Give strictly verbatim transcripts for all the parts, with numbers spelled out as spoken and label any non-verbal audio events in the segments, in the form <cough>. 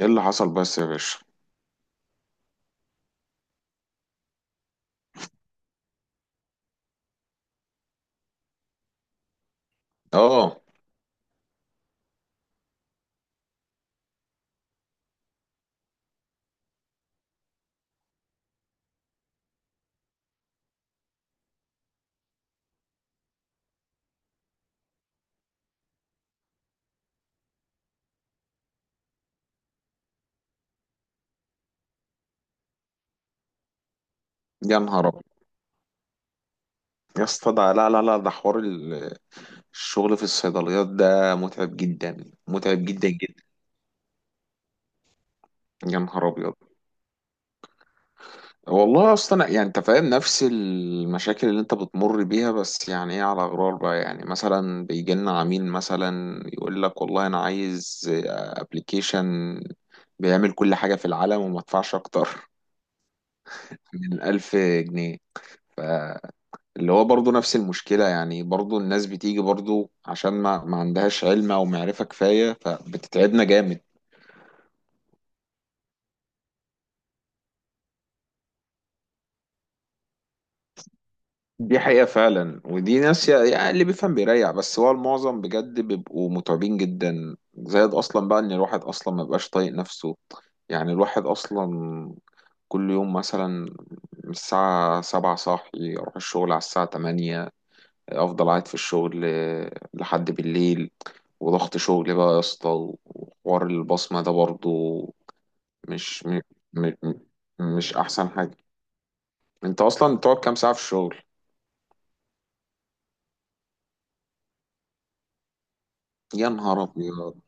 ايه اللي حصل بس يا باشا؟ اه. يا نهار ابيض. يا اسطى، ده لا لا لا، ده حوار ال- الشغل في الصيدليات ده متعب جدا متعب جدا جدا. يا نهار ابيض. والله اصلا، يعني انت فاهم نفس المشاكل اللي انت بتمر بيها. بس يعني ايه، على غرار بقى، يعني مثلا بيجي لنا عميل مثلا يقول لك والله انا عايز ابلكيشن بيعمل كل حاجة في العالم، وما ادفعش اكتر من ألف جنيه. اللي هو برضو نفس المشكلة، يعني برضو الناس بتيجي برضو عشان ما, ما عندهاش علم أو معرفة كفاية، فبتتعبنا جامد. دي حقيقة فعلا، ودي ناس يا- يعني اللي بيفهم بيريح، بس هو المعظم بجد بيبقوا متعبين جدا، زائد أصلا بقى إن الواحد أصلا ما بيبقاش طايق نفسه. يعني الواحد أصلا كل يوم مثلا من الساعة سبعة صاحي، أروح الشغل على الساعة تمانية، افضل قاعد في الشغل لحد بالليل. وضغط شغل بقى يا اسطى، وحوار البصمة ده برضو مش م... م... م- مش احسن حاجة. انت اصلا بتقعد كام ساعة في الشغل؟ يا نهار ابيض.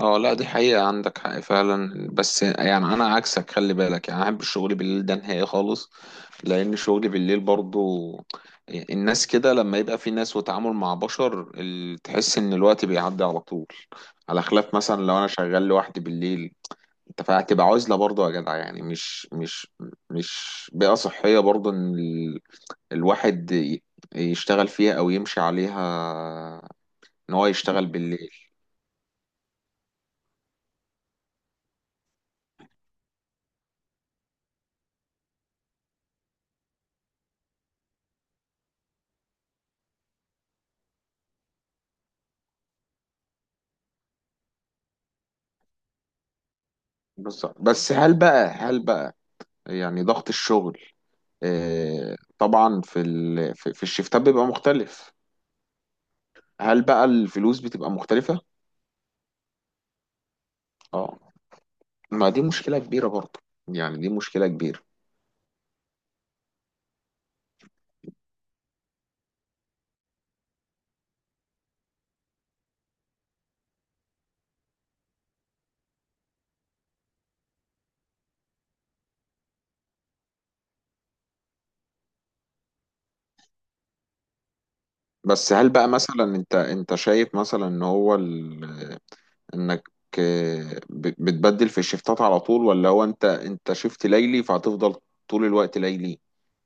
اه، لا، دي حقيقة، عندك حق فعلا. بس يعني أنا عكسك، خلي بالك، يعني أنا أحب الشغل بالليل ده نهائي خالص، لأن شغلي بالليل برضو الناس كده، لما يبقى في ناس وتعامل مع بشر ال- تحس إن الوقت بيعدي على طول، على خلاف مثلا لو أنا شغال لوحدي بالليل. أنت فهتبقى عزلة برضو يا جدع، يعني مش مش مش بيئة صحية برضو إن ال- الواحد ي- يشتغل فيها أو يمشي عليها، إن هو يشتغل بالليل. بالظبط. بس هل بقى هل بقى يعني ضغط الشغل، آه، طبعا في ال... في في الشفتات بيبقى مختلف. هل بقى الفلوس بتبقى مختلفة؟ اه. ما دي مشكلة كبيرة برضه، يعني دي مشكلة كبيرة. بس هل بقى مثلا انت انت شايف مثلا ان هو ال... انك آه، ب- بتبدل في الشفتات على طول، ولا هو انت انت شفت ليلي فهتفضل طول الوقت ليلي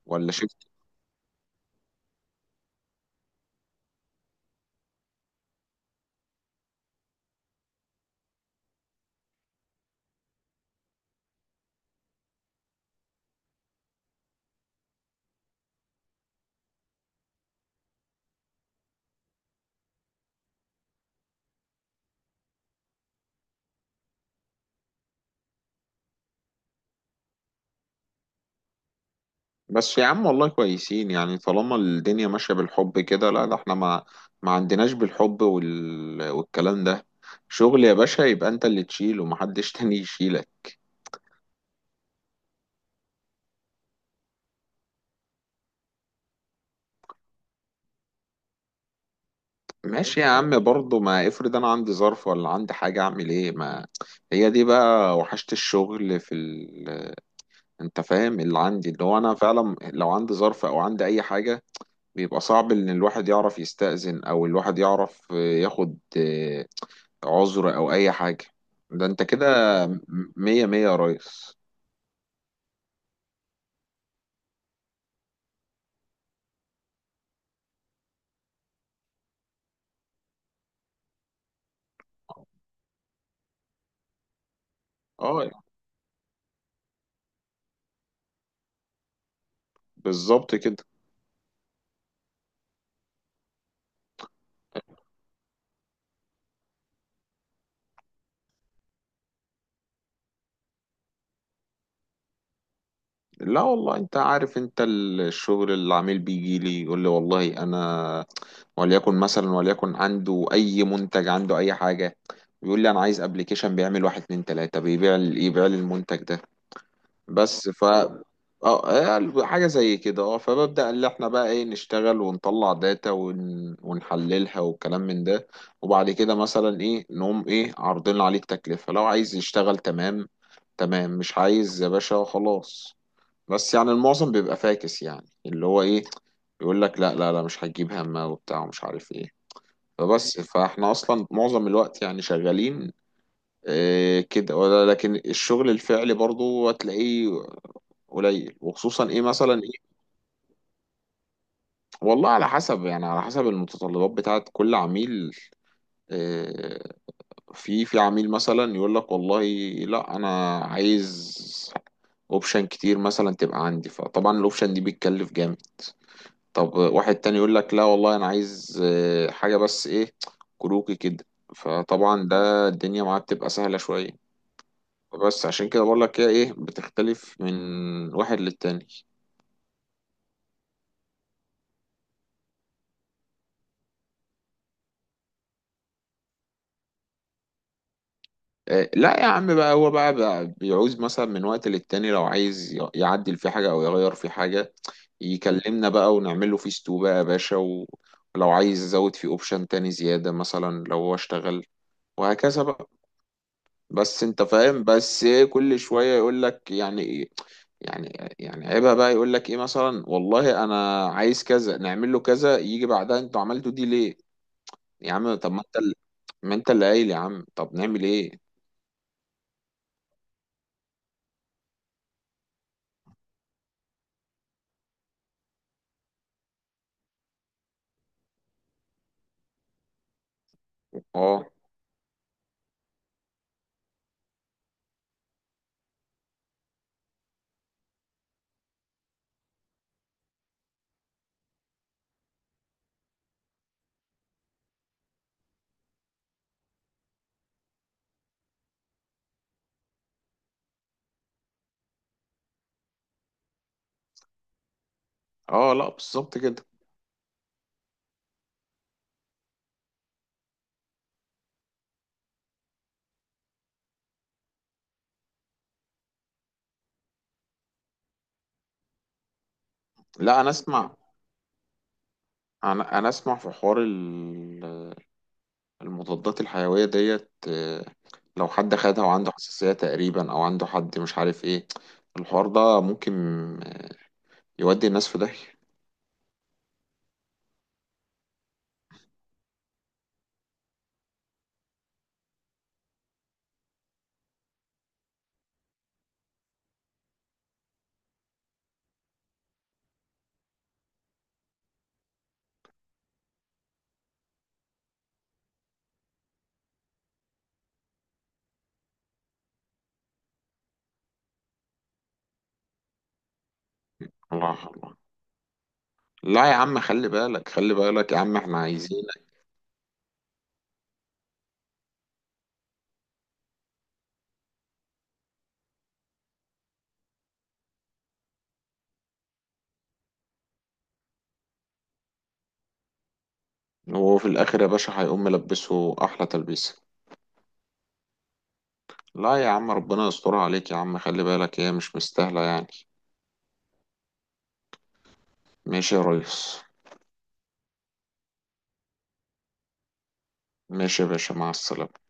ولا؟ بس يا عم والله كويسين، يعني طالما الدنيا ماشية بالحب كده. لا ده احنا ما ما عندناش بالحب وال... والكلام ده. شغل يا باشا، يبقى انت اللي تشيله ومحدش <laughs> تاني يشيلك. ماشي يا عم برضه، ما افرض انا عندي ظرف ولا عندي حاجة اعمل ايه، ما هي دي بقى وحشة الشغل في ال... انت فاهم اللي عندي، اللي هو انا فعلا لو عندي ظرف او عندي اي حاجة، بيبقى صعب ان الواحد يعرف يستأذن او الواحد يعرف ياخد عذر او اي حاجه. ده انت كده مية مية يا ريس. اه بالظبط كده. لا والله، انت عارف، انت الشغل العميل بيجي لي يقول لي والله انا، وليكن مثلا، وليكن عنده اي منتج، عنده اي حاجه، بيقول لي انا عايز ابلكيشن بيعمل واحد اتنين تلاته، بيبيع ال- يبيع لي المنتج ده. بس ف اه آه، حاجة زي كده، اه فببدأ اللي احنا بقى ايه نشتغل ونطلع داتا ون... ونحللها والكلام من ده. وبعد كده مثلا ايه نقوم ايه عارضين عليه التكلفة، لو عايز يشتغل تمام تمام، مش عايز يا باشا خلاص. بس يعني المعظم بيبقى فاكس، يعني اللي هو ايه، يقول لك لا لا لا، مش هتجيب همه وبتاع ومش عارف ايه. فبس فاحنا اصلا معظم الوقت يعني شغالين إيه كده ولا، لكن الشغل الفعلي برضو هتلاقيه قليل، وخصوصا ايه مثلا ايه. والله على حسب، يعني على حسب المتطلبات بتاعت كل عميل. آه، في في عميل مثلا يقول لك والله، لا انا عايز اوبشن كتير مثلا تبقى عندي، فطبعا الاوبشن دي بتكلف جامد. طب واحد تاني يقول لك لا والله، انا عايز آه، حاجة بس ايه، كروكي كده. فطبعا ده الدنيا معاه بتبقى سهلة شوية. بس عشان كده بقول لك هي ايه، بتختلف من واحد للتاني. آه، لا يا عم، بقى هو بقى, بقى بيعوز مثلا من وقت للتاني، لو عايز ي- يعدل في حاجة أو يغير في حاجة يكلمنا بقى ونعمل له فيستو بقى يا باشا، و- ولو عايز يزود في اوبشن تاني زيادة مثلا لو هو اشتغل وهكذا بقى. بس انت فاهم، بس إيه كل شوية يقول لك يعني إيه، يعني يعني عيبها بقى، يقول لك ايه مثلا والله انا عايز كذا، نعمل له كذا يجي بعدها انتوا عملتوا دي ليه. يا عم طب ما انت اللي، ما انت اللي قايل يا عم طب نعمل ايه. اه، اه، لا بالظبط كده. لا انا اسمع، انا انا اسمع في حوار ال- المضادات الحيويه ديت، آه، لو حد خدها وعنده حساسيه تقريبا او عنده حد مش عارف ايه، الحوار ده ممكن يودي الناس في داهيه. الله الله. لا يا عم خلي بالك، خلي بالك يا عم، احنا عايزينك. هو في الاخر يا باشا هيقوم ملبسه احلى تلبيسه. لا يا عم، ربنا يسترها عليك يا عم، خلي بالك، هي مش مستاهله يعني. ماشي يا ريس. ماشي يا باشا، مع السلامه.